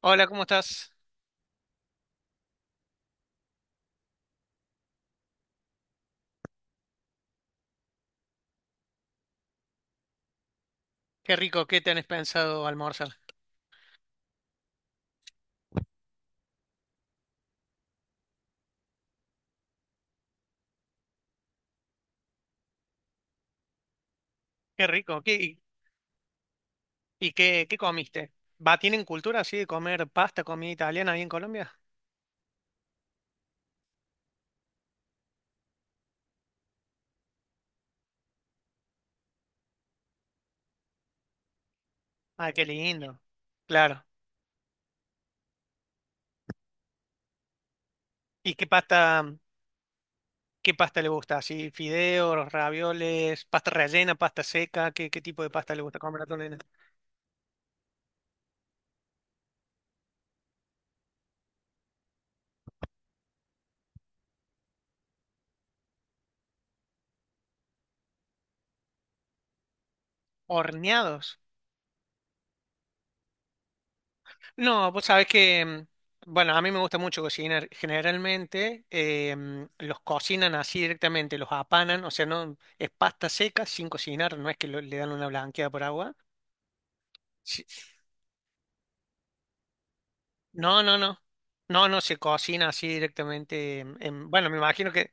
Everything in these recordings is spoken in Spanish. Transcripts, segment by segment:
Hola, ¿cómo estás? Qué rico, ¿qué tenés pensado almorzar? Qué rico, y qué comiste? ¿Va, tienen cultura así de comer pasta, comida italiana ahí en Colombia? Ah, qué lindo. Claro. ¿Y qué pasta le gusta? ¿Así fideos, ravioles, pasta rellena, pasta seca? ¿Qué tipo de pasta le gusta comer a tu nena? Horneados. No, vos sabés que, bueno, a mí me gusta mucho cocinar. Generalmente los cocinan así directamente, los apanan, o sea, no es pasta seca sin cocinar, no es que le dan una blanqueada por agua. Sí. No, no, no. No, no, se cocina así directamente. Bueno, me imagino que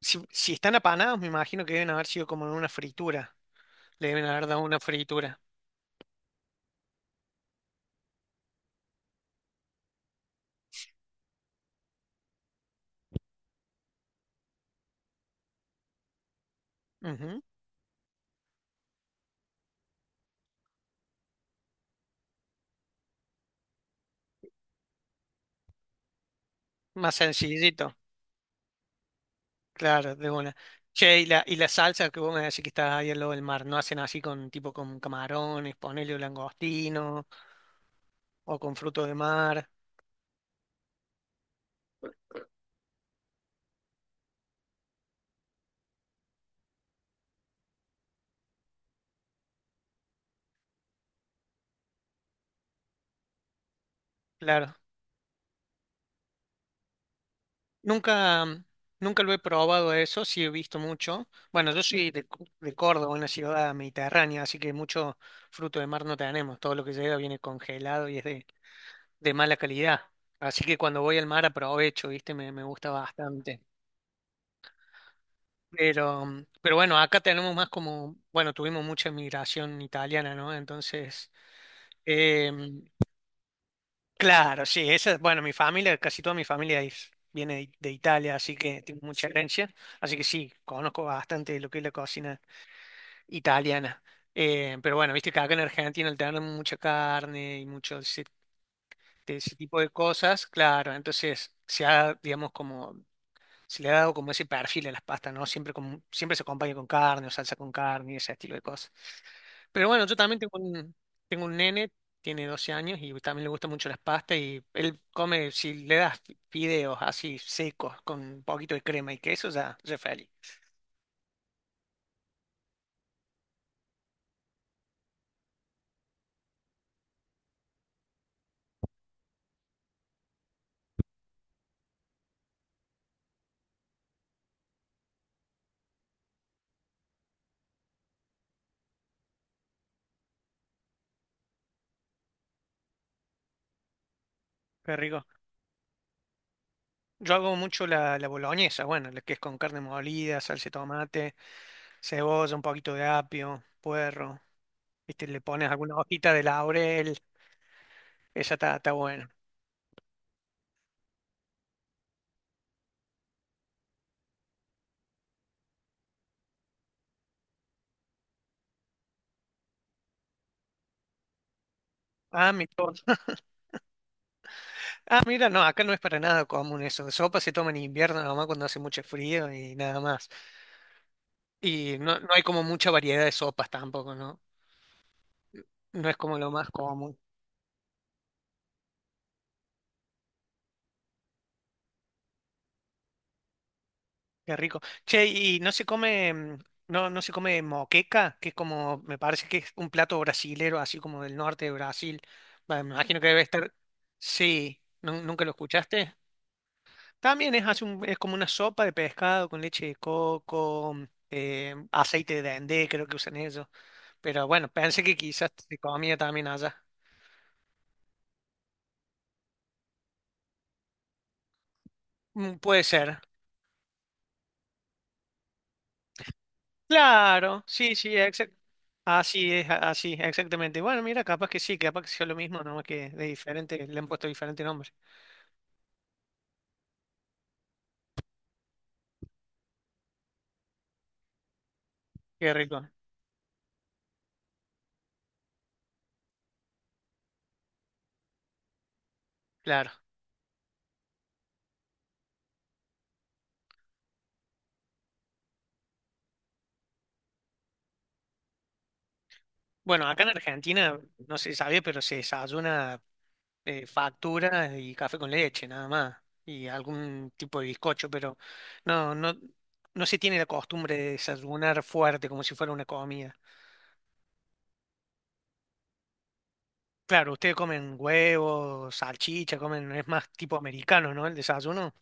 si están apanados, me imagino que deben haber sido como en una fritura. Le deben haber dado una fritura. Ujú. Más sencillito. Claro, de una. Che, y la salsa que vos me decís que está ahí al lado del mar, ¿no hacen así con tipo con camarones, ponele o langostino o con frutos de mar? Claro. Nunca, nunca lo he probado eso, sí he visto mucho. Bueno, yo soy de Córdoba, una ciudad mediterránea, así que mucho fruto de mar no tenemos. Todo lo que llega viene congelado y es de mala calidad. Así que cuando voy al mar aprovecho, ¿viste? Me gusta bastante. Pero, pero bueno, acá tenemos más como, bueno, tuvimos mucha inmigración italiana, ¿no? Entonces, em, claro, sí, esa, bueno, mi familia, casi toda mi familia viene de Italia, así que tengo mucha herencia, así que sí, conozco bastante de lo que es la cocina italiana. Pero bueno, viste que acá en Argentina al tener mucha carne y mucho ese, de ese tipo de cosas, claro, entonces se ha, digamos, como se le ha dado como ese perfil a las pastas, ¿no? Siempre, con, siempre se acompaña con carne o salsa con carne y ese estilo de cosas. Pero bueno, yo también tengo un nene, tiene 12 años y también le gustan mucho las pastas y él come, si le das fideos así secos con un poquito de crema y queso, ya, ya es feliz. Qué rico. Yo hago mucho la boloñesa, bueno, la que es con carne molida, salsa de tomate, cebolla, un poquito de apio, puerro, viste, le pones alguna hojita de laurel, esa está, está buena. Ah, mi to- ah, mira, no, acá no es para nada común eso. Sopa se toma en invierno, nomás cuando hace mucho frío y nada más. Y no, no hay como mucha variedad de sopas tampoco, ¿no? No es como lo más común. Qué rico. Che, y no se come, no, no se come moqueca, que es como, me parece que es un plato brasilero, así como del norte de Brasil. Va, me imagino que debe estar. Sí, ¿nunca lo escuchaste? También es, es como una sopa de pescado con leche de coco, aceite de dendé, creo que usan ellos. Pero bueno, pensé que quizás se comía también allá. Mm. Puede ser. Claro, sí, sí, así es, así, exactamente. Bueno, mira, capaz que sí, capaz que sea lo mismo, nomás que de diferente, le han puesto diferente nombre. Qué rico, claro. Bueno, acá en Argentina, no se sabe, pero se desayuna factura y café con leche, nada más, y algún tipo de bizcocho, pero no, no, no se tiene la costumbre de desayunar fuerte como si fuera una comida. Claro, ustedes comen huevos, salchicha, comen, es más tipo americano, ¿no? El desayuno.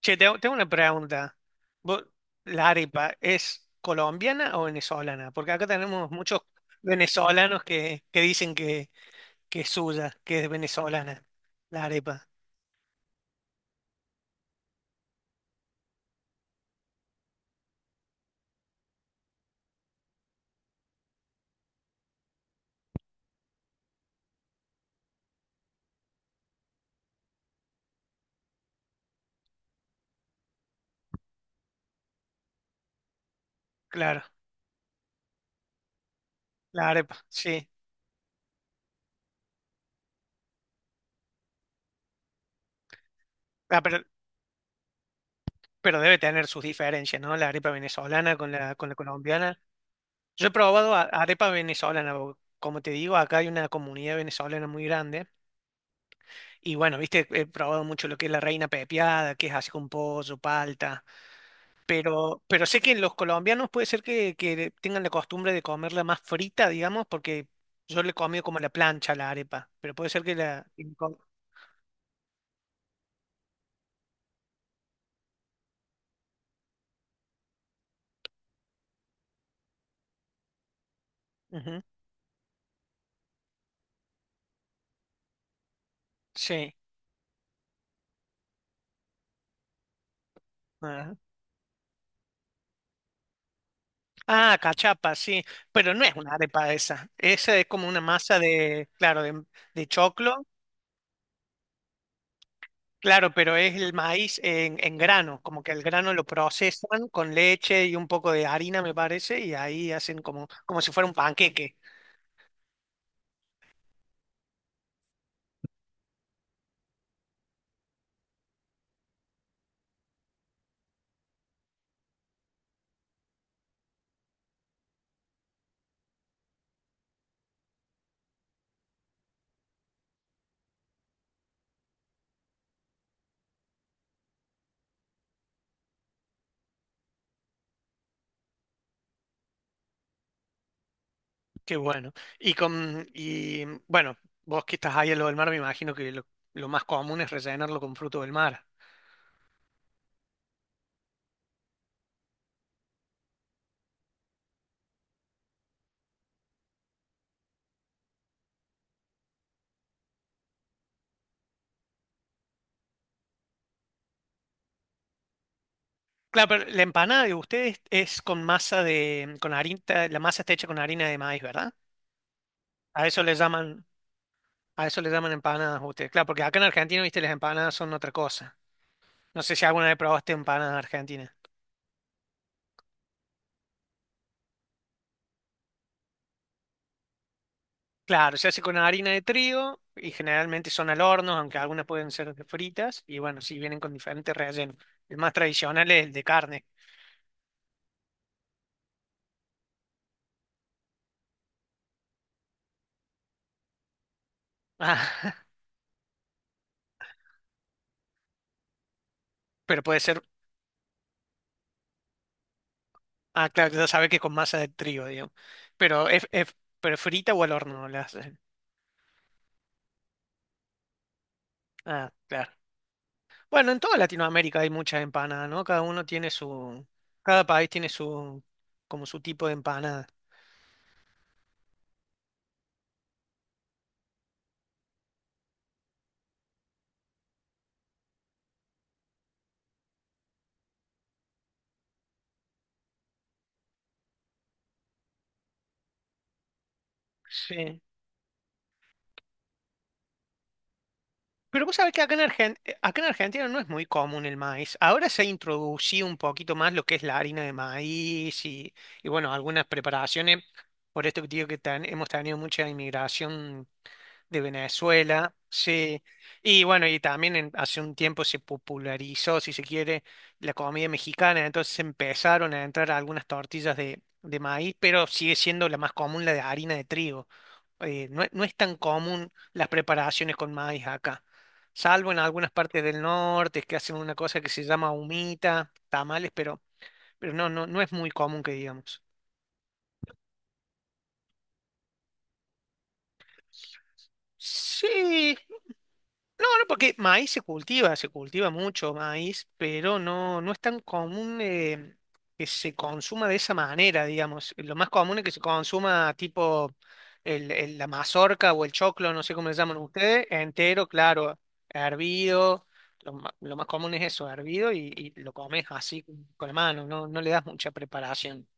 Che, tengo, tengo una pregunta. ¿Vos- ¿La arepa es colombiana o venezolana? Porque acá tenemos muchos venezolanos que dicen que es suya, que es venezolana. La arepa, claro, la arepa, sí. Ah, pero debe tener sus diferencias, ¿no? La arepa venezolana con la colombiana. Yo he probado arepa venezolana, o como te digo, acá hay una comunidad venezolana muy grande. Y bueno, viste, he probado mucho lo que es la reina pepiada, que es así con pollo, palta. Pero sé que los colombianos puede ser que tengan la costumbre de comerla más frita, digamos, porque yo le he comido como a la plancha, a la arepa. Pero puede ser que la… Ujú. Sí. Ajá. Ah, cachapa, sí. Pero no es una arepa esa. Esa es como una masa de, claro, de choclo. Claro, pero es el maíz en grano, como que el grano lo procesan con leche y un poco de harina, me parece, y ahí hacen como, como si fuera un panqueque. Qué bueno. Y con, y bueno, vos que estás ahí en lo del mar, me imagino que lo más común es rellenarlo con fruto del mar. Claro, pero la empanada de ustedes es con masa de, con harina, la masa está hecha con harina de maíz, ¿verdad? A eso le llaman, a eso le llaman empanadas ustedes. Claro, porque acá en Argentina, viste, las empanadas son otra cosa. No sé si alguna vez probaste empanadas argentinas. Claro, se hace con harina de trigo y generalmente son al horno, aunque algunas pueden ser de fritas y bueno, sí vienen con diferentes rellenos. El más tradicional es el de carne. Ah, pero puede ser, ah, claro, ya sabe que con masa de trigo, digamos. Pero pero frita o al horno la hacen. Ah, claro. Bueno, en toda Latinoamérica hay muchas empanadas, ¿no? Cada país tiene su, como su tipo de empanada. Sí. Pero vos sabés que acá en Argentina no es muy común el maíz. Ahora se ha introducido un poquito más lo que es la harina de maíz y bueno, algunas preparaciones. Por esto que te digo que hemos tenido mucha inmigración de Venezuela, sí. Y bueno, hace un tiempo se popularizó, si se quiere, la comida mexicana, entonces empezaron a entrar algunas tortillas de maíz, pero sigue siendo la más común la de harina de trigo. No es tan común las preparaciones con maíz acá, salvo en algunas partes del norte que hacen una cosa que se llama humita, tamales, pero no, no, no es muy común que digamos. Sí, no, no, porque maíz se cultiva mucho maíz, pero no, no es tan común que se consuma de esa manera, digamos. Lo más común es que se consuma tipo la mazorca o el choclo, no sé cómo le llaman ustedes, entero, claro, hervido. Lo más común es eso, hervido y lo comes así con la mano, no, no le das mucha preparación.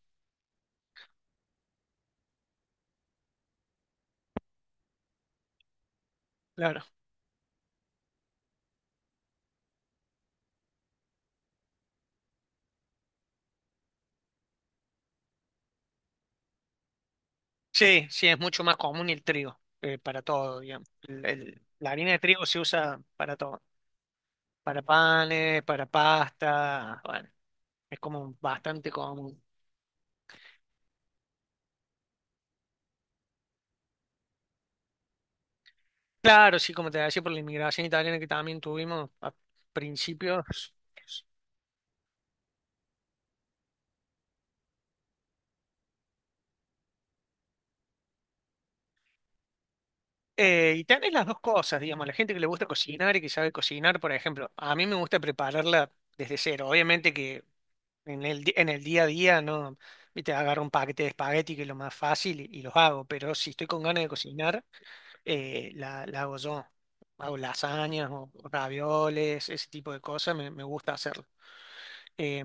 Claro. Sí, sí, es mucho más común el trigo para todo, digamos. La harina de trigo se usa para todo, para panes, para pasta, bueno, es como bastante común. Claro, sí, como te decía, por la inmigración italiana que también tuvimos a principios. Y tenés las dos cosas, digamos, la gente que le gusta cocinar y que sabe cocinar, por ejemplo, a mí me gusta prepararla desde cero. Obviamente que en en el día a día, no, viste, agarro un paquete de espagueti que es lo más fácil y los hago, pero si estoy con ganas de cocinar, la hago yo, hago lasañas o ravioles, ese tipo de cosas, me gusta hacerlo. Eh,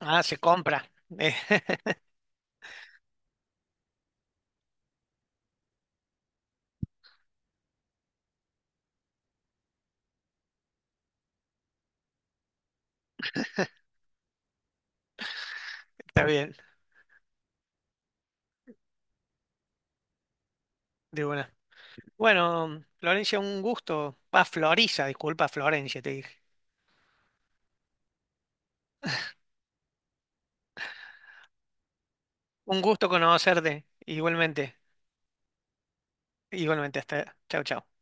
ah, se compra. Eh, Está bien, de buena. Bueno, Florencia, un gusto. Ah, Florisa, disculpa, Florencia, te dije. Un gusto conocerte, igualmente, igualmente, hasta. Chau, chau.